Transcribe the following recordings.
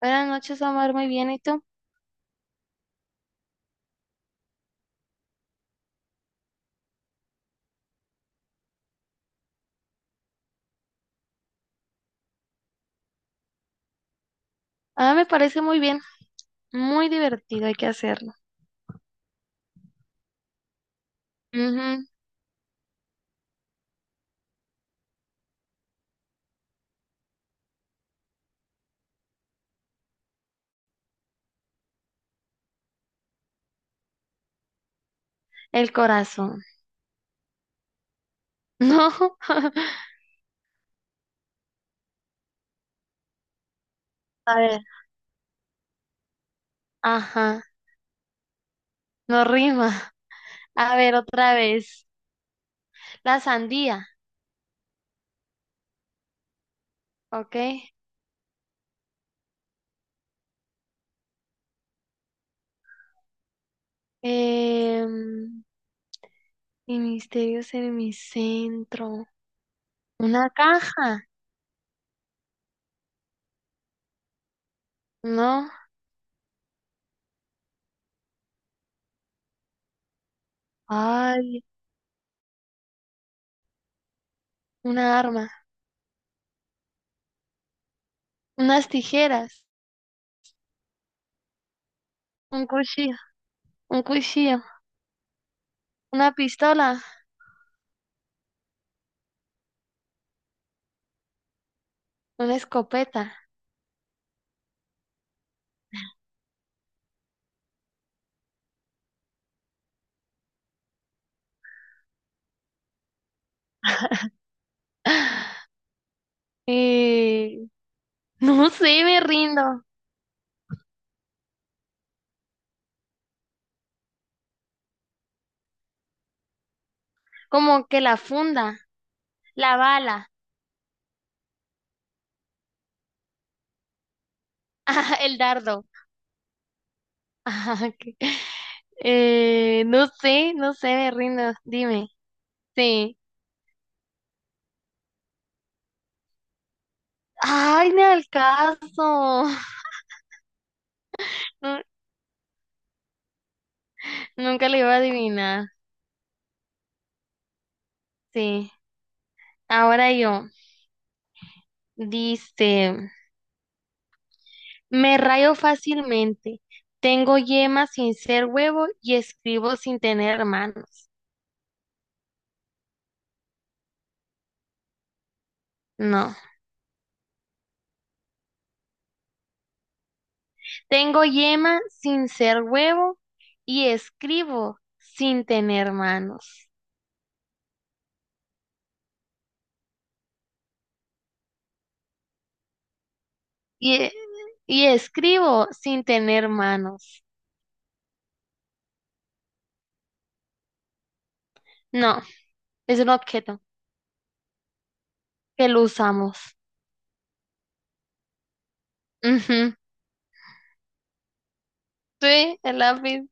Buenas noches, Omar. Muy bien. ¿Y tú? Ah, me parece muy bien. Muy divertido. Hay que hacerlo. Ujú. El corazón. No. A ver. Ajá. No rima. A ver, otra vez. La sandía. Ok. Em, y misterios en mi centro. Una caja. No. Ay, una arma. Unas tijeras. Un cuchillo. Un cuchillo. Una pistola. Una escopeta. Y no sé, me rindo. Como que la funda, la bala, ah, el dardo. Ah, ok. No sé, no sé, me rindo. Dime. Sí. Ay, ni al caso. Nu- Nunca le iba a adivinar. Sí. Ahora yo. Dice, me rayo fácilmente. Tengo yema sin ser huevo y escribo sin tener manos. No. Tengo yema sin ser huevo y escribo sin tener manos. Y, y escribo sin tener manos. No, es un objeto que lo usamos. Ujú. Sí, el lápiz.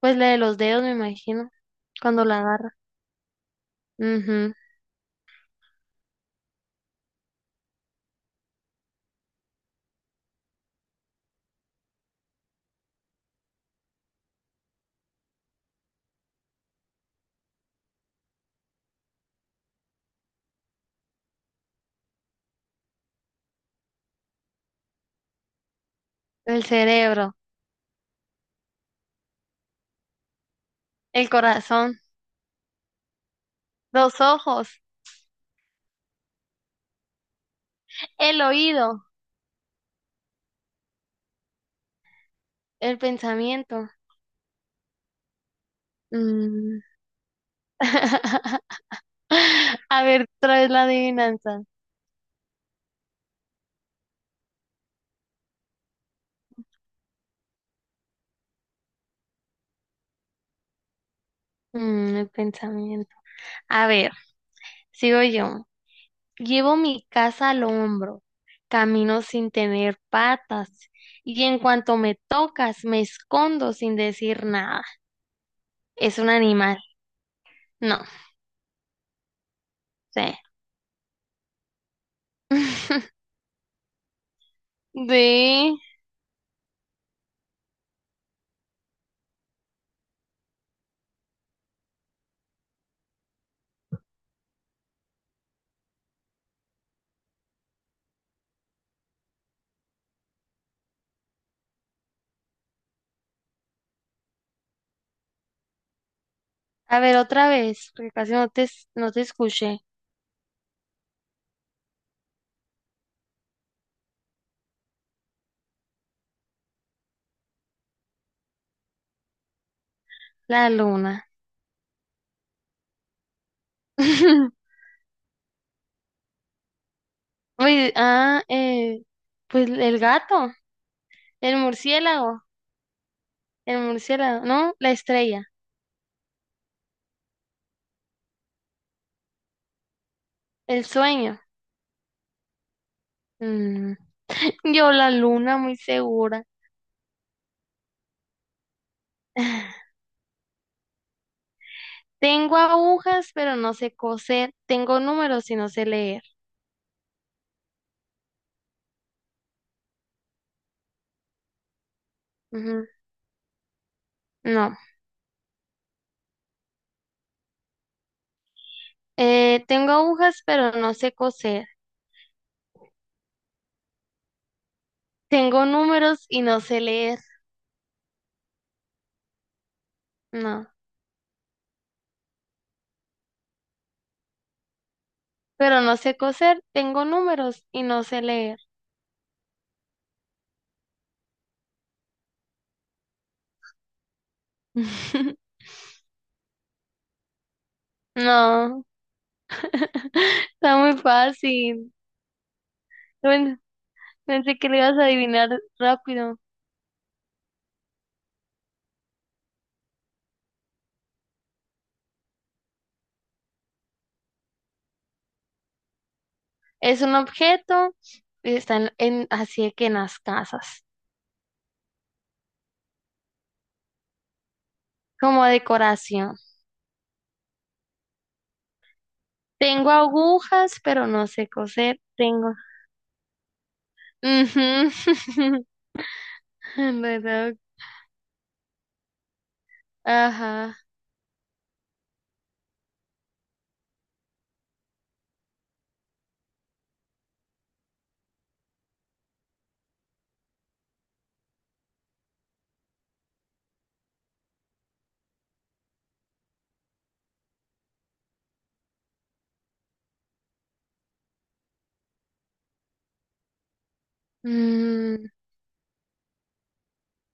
Pues la de los dedos, me imagino, cuando la agarra. Ujú. El cerebro, el corazón, los ojos, el oído, el pensamiento. Mm. A ver, traes la adivinanza. Mm, el pensamiento. A ver, sigo yo. Llevo mi casa al hombro, camino sin tener patas, y en cuanto me tocas, me escondo sin decir nada. Es un animal. No, sé. De... A ver, otra vez, porque casi no te, no te escuché. La luna. Uy, ah, pues el gato, el murciélago, el murciélago, no, la estrella, el sueño. Mm. Yo la luna, muy segura. Tengo agujas, pero no sé coser. Tengo números y no sé leer. Ujú. No. Tengo agujas, pero no sé coser. Tengo números y no sé leer. No. Pero no sé coser. Tengo números y no sé leer. No. Está muy fácil. Bueno, pensé que lo ibas a adivinar rápido. Es un objeto y está en, así de que en las casas, como decoración. Tengo agujas, pero no sé coser. Tengo. Ujú. Reloj. Ajá. Mm,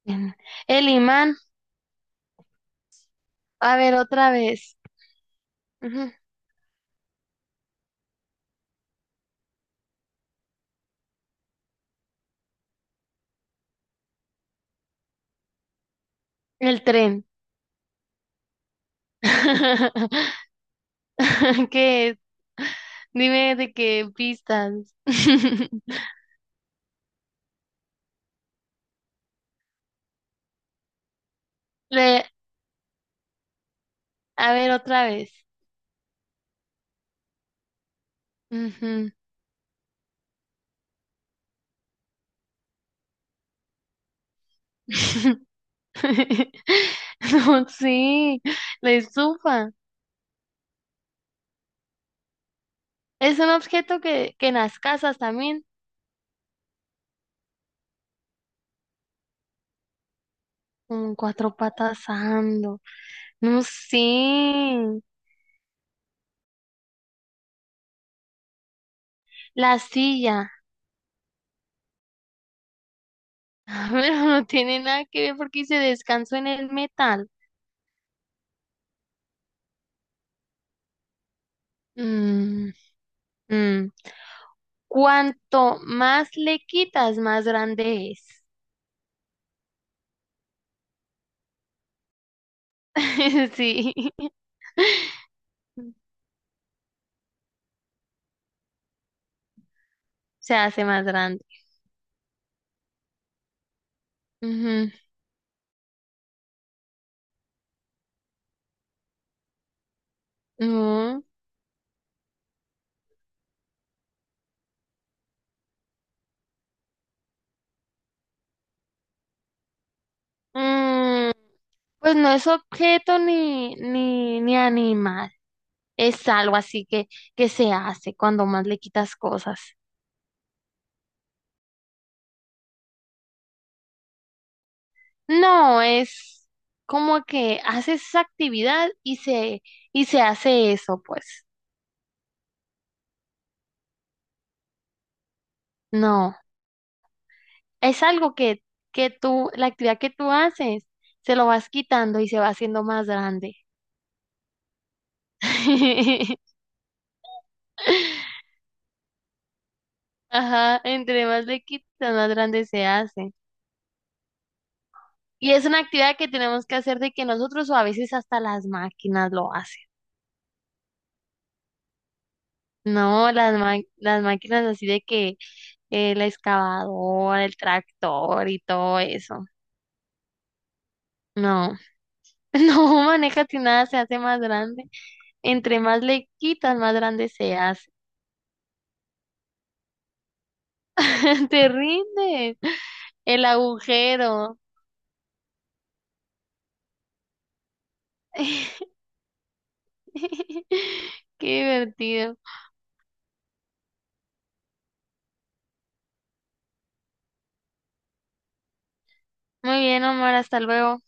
bien. El imán. A ver, otra vez. Ujú. El tren. ¿Qué es? Dime de qué pistas. Le- A ver, otra vez. Ujú. No, sí. La estufa. Es un objeto que en las casas también. Con cuatro patas ando. No sé, la silla. Pero no tiene nada que ver porque dice descanso en el metal. Mm, mm. Cuanto más le quitas, más grande es. Sí, se hace más grande. Ujú. No. Mm, pues no es objeto ni, ni, ni animal. Es algo así que se hace cuando más le quitas cosas. No, es como que hace esa actividad y se hace eso, pues. No, es algo que tú, la actividad que tú haces, se lo vas quitando y se va haciendo más grande. Ajá, entre más le quitas, más grande se hace. Y es una actividad que tenemos que hacer de que nosotros o a veces hasta las máquinas lo hacen. No, las, las máquinas así de que la excavadora, el tractor y todo eso. No. No, maneja si nada se hace más grande. Entre más le quitas, más grande se hace. Te rindes. El agujero. Qué divertido. Muy bien, Omar, hasta luego.